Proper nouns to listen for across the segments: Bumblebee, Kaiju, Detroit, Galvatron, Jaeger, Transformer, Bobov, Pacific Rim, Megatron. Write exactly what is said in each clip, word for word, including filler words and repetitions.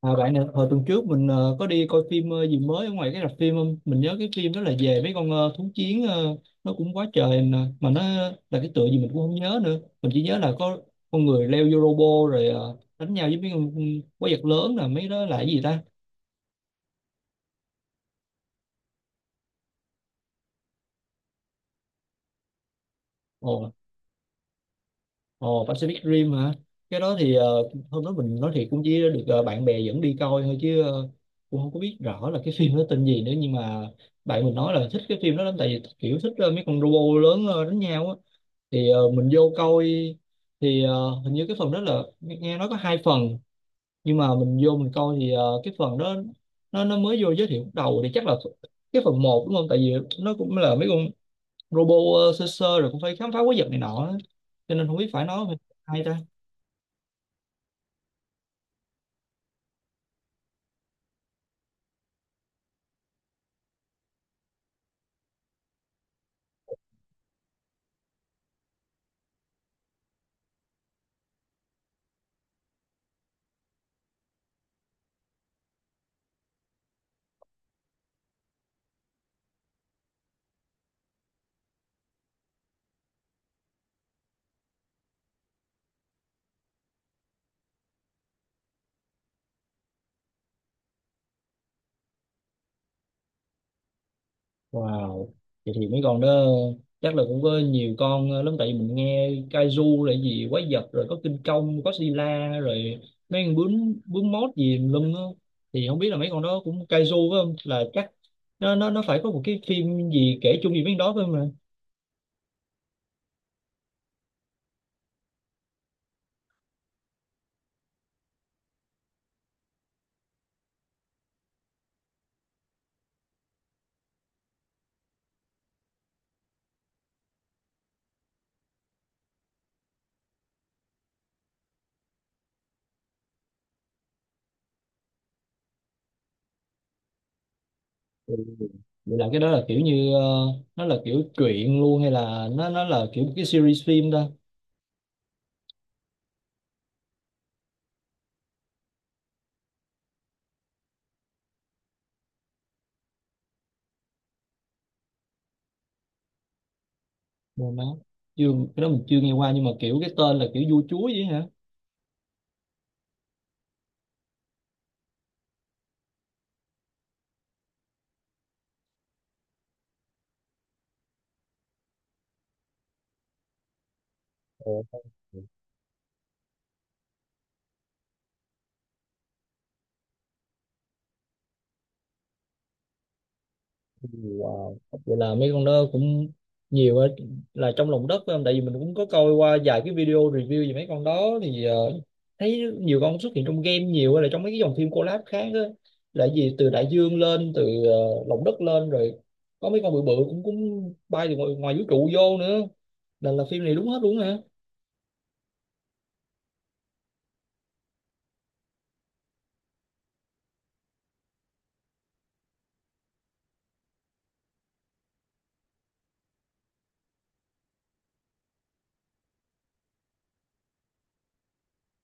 À, bạn nè, hồi tuần trước mình ờ, có đi coi phim ờ, gì mới ở ngoài cái rạp phim không? Mình nhớ cái phim đó là về mấy con ờ, thú chiến ờ, nó cũng quá trời nè. Mà nó là cái tựa gì mình cũng không nhớ nữa. Mình chỉ nhớ là có con người leo vô robot rồi ờ, đánh nhau với mấy con quái vật lớn, là mấy đó là cái gì ta? Ồ, ồ Pacific Rim hả? Cái đó thì ờ, hôm đó mình nói thiệt cũng chỉ được ờ, bạn bè dẫn đi coi thôi, chứ ờ, cũng không có biết rõ là cái phim nó tên gì nữa, nhưng mà bạn mình nói là thích cái phim đó lắm, tại vì kiểu thích ờ, mấy con robot lớn ờ, đánh nhau á. Thì ờ, mình vô coi thì ờ, hình như cái phần đó là nghe nghe nói có hai phần, nhưng mà mình vô mình coi thì ờ, cái phần đó nó nó mới vô giới thiệu lúc đầu thì chắc là cái phần một đúng không, tại vì nó cũng là mấy con robot ờ, sơ sơ rồi cũng phải khám phá quái vật này nọ á. Cho nên không biết phải nói hay ta. Wow, vậy thì mấy con đó chắc là cũng có nhiều con lắm, tại vì mình nghe Kaiju là gì, quái vật rồi có kinh công có sila rồi mấy con bướm bướm mốt gì lum á, thì không biết là mấy con đó cũng Kaiju phải không, là chắc nó nó nó phải có một cái phim gì kể chung gì với con đó phải không ạ? Ừ. Vậy là cái đó là kiểu như ờ, nó là kiểu truyện luôn, hay là nó nó là kiểu một cái series phim ta? Mười má. Chưa, cái đó mình chưa nghe qua, nhưng mà kiểu cái tên là kiểu vua chúa vậy hả? Ồ. Wow. Vậy là mấy con đó cũng nhiều á, là trong lòng đất phải không? Tại vì mình cũng có coi qua vài cái video review về mấy con đó thì ờ, thấy nhiều con xuất hiện trong game nhiều, hay là trong mấy cái dòng phim collab khác á, là gì từ đại dương lên, từ ờ, lòng đất lên, rồi có mấy con bự bự cũng cũng bay từ ngoài, ngoài vũ trụ vô nữa, là là phim này đúng hết luôn hả?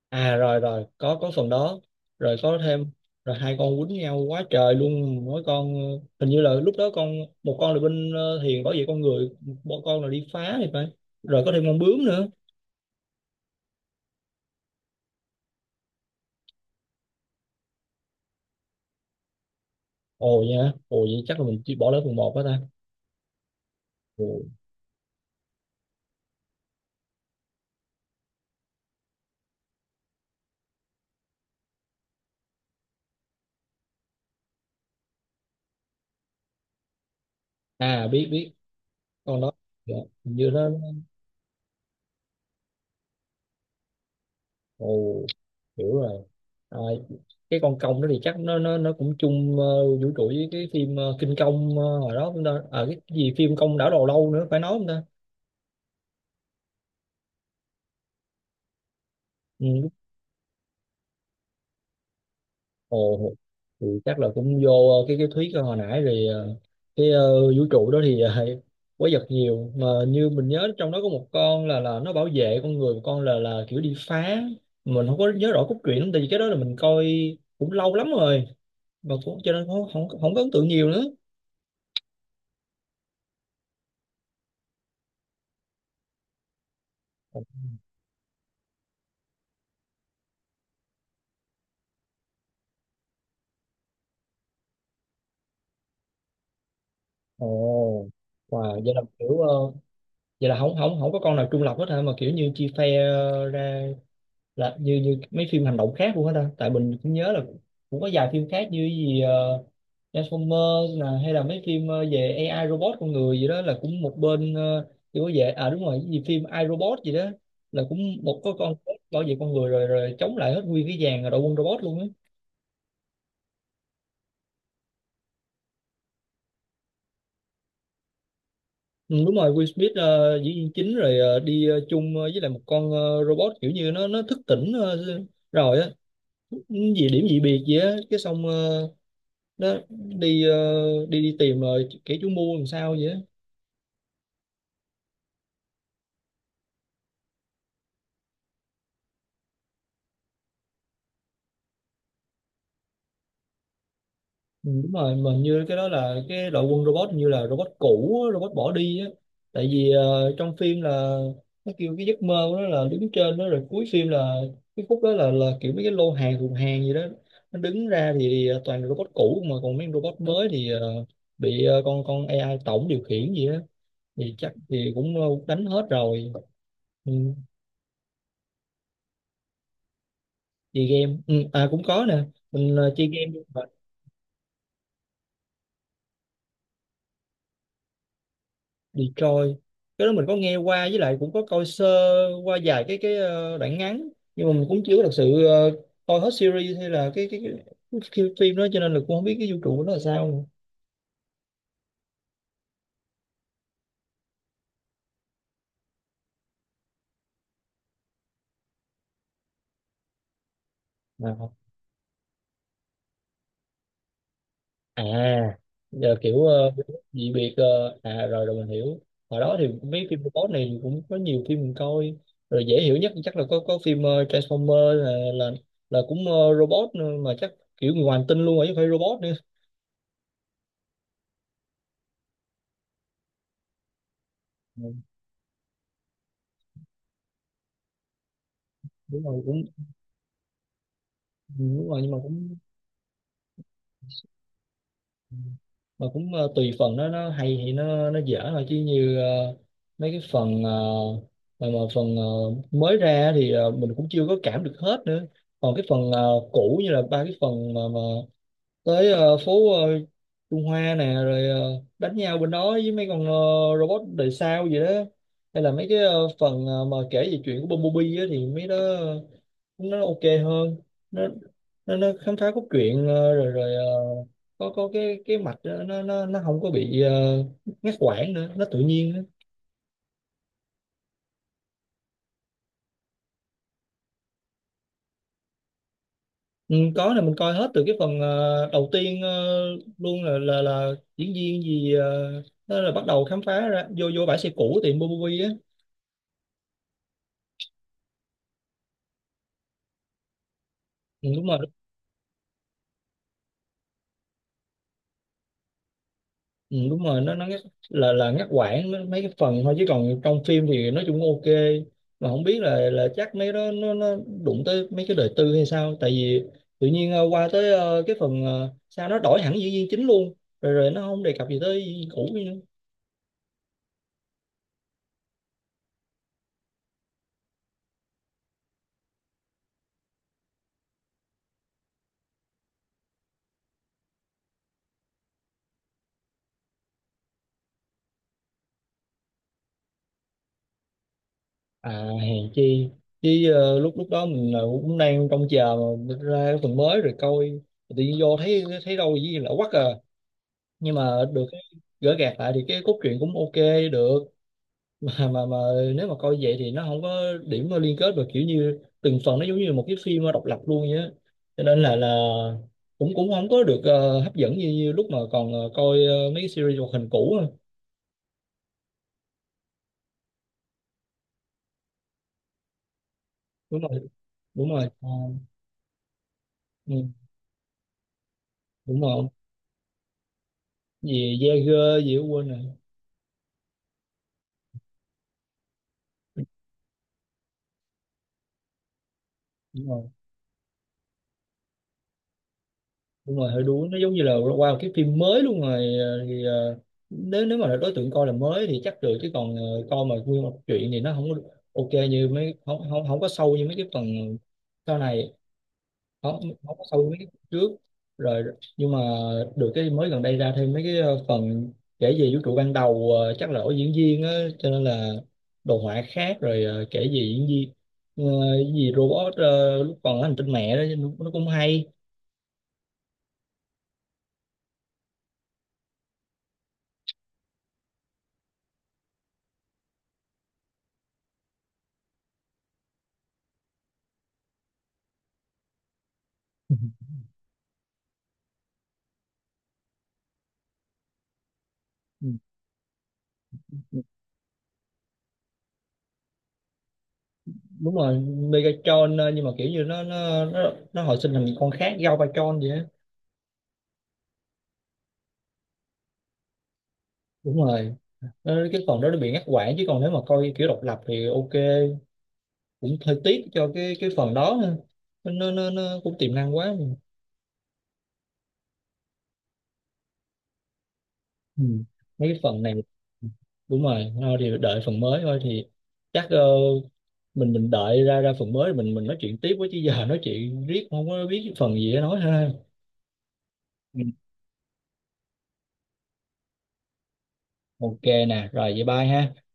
À, rồi rồi có có phần đó. Rồi có thêm, rồi hai con quýnh nhau quá trời luôn, mỗi con ờ, hình như là lúc đó con, một con là bên ờ, Hiền bảo vệ con người, một con là đi phá thì phải. Rồi có thêm con bướm nữa. Ồ nha, ồ vậy chắc là mình chỉ bỏ lỡ phần một đó ta. Ồ. À, biết biết con đó. Dạ, hình như nó nó- Ồ, hiểu rồi. À, cái con công đó thì chắc nó nó nó cũng chung ờ, vũ trụ với cái phim ờ, Kinh Công ờ, hồi đó chúng ta, à cái gì phim Công đảo đầu lâu nữa phải nói không ta. Ừ. Ồ, thì chắc là cũng vô ờ, cái cái thuyết hồi nãy rồi, ờ, cái ờ, vũ trụ đó thì uh, quái vật nhiều, mà như mình nhớ trong đó có một con là là nó bảo vệ con người, một con là là kiểu đi phá. Mình không có nhớ rõ cốt truyện lắm, tại vì cái đó là mình coi cũng lâu lắm rồi, mà cũng cho nên không không, không có ấn tượng nhiều nữa. Ồ, wow, vậy là kiểu ờ, vậy là không không không có con nào trung lập hết hả, mà kiểu như chia phe ờ, ra, là như như mấy phim hành động khác luôn hết ta. Tại mình cũng nhớ là cũng có vài phim khác như cái gì ờ, Transformer, là hay là mấy phim ờ, về a i robot con người gì đó là cũng một bên ờ, kiểu về, à đúng rồi cái gì phim a i robot gì đó là cũng một có con robot bảo vệ con người rồi rồi chống lại hết nguyên cái dàn đội quân robot luôn á. Ừ, đúng rồi. Will Smith ờ, diễn viên chính, rồi ờ, đi ờ, chung ờ, với lại một con ờ, robot, kiểu như nó nó thức tỉnh ờ, rồi á. Ừ, gì điểm dị biệt gì á cái, xong ờ, nó đi ờ, đi đi tìm rồi kẻ chủ mưu làm sao vậy á. Ừ, đúng rồi, mà như cái đó là cái đội quân robot, như là robot cũ á, robot bỏ đi á, tại vì ờ, trong phim là nó kêu cái giấc mơ của nó là đứng trên đó. Rồi cuối phim là cái khúc đó là là kiểu mấy cái lô hàng thùng hàng gì đó nó đứng ra, thì ờ, toàn là robot cũ, mà còn mấy con robot mới thì ờ, bị ờ, con con a i tổng điều khiển gì đó, thì chắc thì cũng ờ, đánh hết rồi. Ừ, chơi game. Ừ, à cũng có nè, mình ờ, chơi game. Detroit, cái đó mình có nghe qua, với lại cũng có coi sơ qua vài cái cái ờ, đoạn ngắn, nhưng mà mình cũng chưa có thật sự ờ, coi hết series hay là cái cái, cái, cái phim đó, cho nên là cũng không biết cái vũ trụ của nó là sao nữa. Mà- À, giờ kiểu ờ, dị biệt ờ, à rồi rồi mình hiểu. Hồi đó thì mấy phim robot này cũng có nhiều phim mình coi, rồi dễ hiểu nhất chắc là có có phim ờ, Transformer, là là là cũng ờ, robot nữa, mà chắc kiểu người ngoài hành tinh luôn rồi chứ không phải robot nữa. Ừ, đúng rồi cũng. Ừ, đúng rồi, nhưng mà cũng mà cũng ờ, tùy phần, nó nó hay thì nó nó dở thôi, chứ như ờ, mấy cái phần ờ, mà, mà phần ờ, mới ra thì ờ, mình cũng chưa có cảm được hết nữa. Còn cái phần ờ, cũ như là ba cái phần mà, mà tới ờ, phố ờ, Trung Hoa nè, rồi ờ, đánh nhau bên đó với mấy con ờ, robot đời sao gì đó, hay là mấy cái ờ, phần ờ, mà kể về chuyện của Bumblebee á, thì mấy đó nó ok hơn. Nó nó, nó khám phá cốt truyện ờ, rồi rồi ờ, có có cái cái mạch đó, nó nó nó không có bị ờ, ngắt quãng nữa, nó tự nhiên nữa. Ừ, có, là mình coi hết từ cái phần ờ, đầu tiên ờ, luôn, là là là diễn viên gì ờ, nó là bắt đầu khám phá ra, vô vô bãi xe cũ tiệm Bobovi á. Ừ, đúng rồi. Ừ, đúng rồi, nó nó ngắt, là là ngắt quãng nó- mấy cái phần thôi, chứ còn trong phim thì nói chung ok. Mà không biết là là chắc mấy đó nó nó đụng tới mấy cái đời tư hay sao, tại vì tự nhiên ờ, qua tới ờ, cái phần ờ, sao nó đổi hẳn diễn viên chính luôn, rồi rồi nó không đề cập gì tới diễn viên cũ nữa. À hèn chi, chứ ờ, lúc lúc đó mình ờ, cũng đang trông chờ mà ra cái phần mới rồi coi, tự nhiên vô thấy thấy đâu gì lạ quắc à. Nhưng mà được cái gỡ gạc lại thì cái cốt truyện cũng ok được. Mà mà mà nếu mà coi vậy thì nó không có điểm mà liên kết, và kiểu như từng phần nó giống như một cái phim độc lập luôn vậy á, cho nên là là cũng cũng không có được ờ, hấp dẫn như, như lúc mà còn ờ, coi ờ, mấy cái series hoạt hình cũ á. Đúng rồi, đúng rồi. Ờ, ừ, đúng rồi. Gì Jaeger gì đó quên rồi. Đúng rồi, đúng rồi, hơi đuối, nó giống như là qua một cái phim mới luôn rồi, ờ, thì ờ, nếu nếu mà đối tượng coi là mới thì chắc được, chứ còn ờ, coi mà nguyên một chuyện thì nó không có ok như mấy, không không không có sâu như mấy cái phần sau này. Không không có sâu như mấy cái phần trước rồi. Nhưng mà được cái mới gần đây ra thêm mấy cái ờ, phần kể về vũ trụ ban đầu, ờ, chắc là ở diễn viên á, cho nên là đồ họa khác. Rồi ờ, kể về diễn viên ờ, cái gì robot ờ, lúc còn ở hành tinh mẹ đó nó, nó cũng hay. Ừ. Đúng rồi. Megatron ờ, nhưng mà kiểu như nó nó nó, nó hồi sinh thành con khác Gao Galvatron vậy á. Đúng rồi. Ờ, cái phần đó nó bị ngắt quãng, chứ còn nếu mà coi kiểu độc lập thì ok. Cũng hơi tiếc cho cái cái phần đó ha. nó nó nó cũng tiềm năng quá. Ừ. Mấy cái phần này. Đúng rồi, thôi thì đợi phần mới thôi, thì chắc ờ, mình mình đợi ra ra phần mới mình mình nói chuyện tiếp với, chứ giờ nói chuyện riết không có biết phần gì để nói ha. Ừ. Ok nè, rồi vậy bye ha.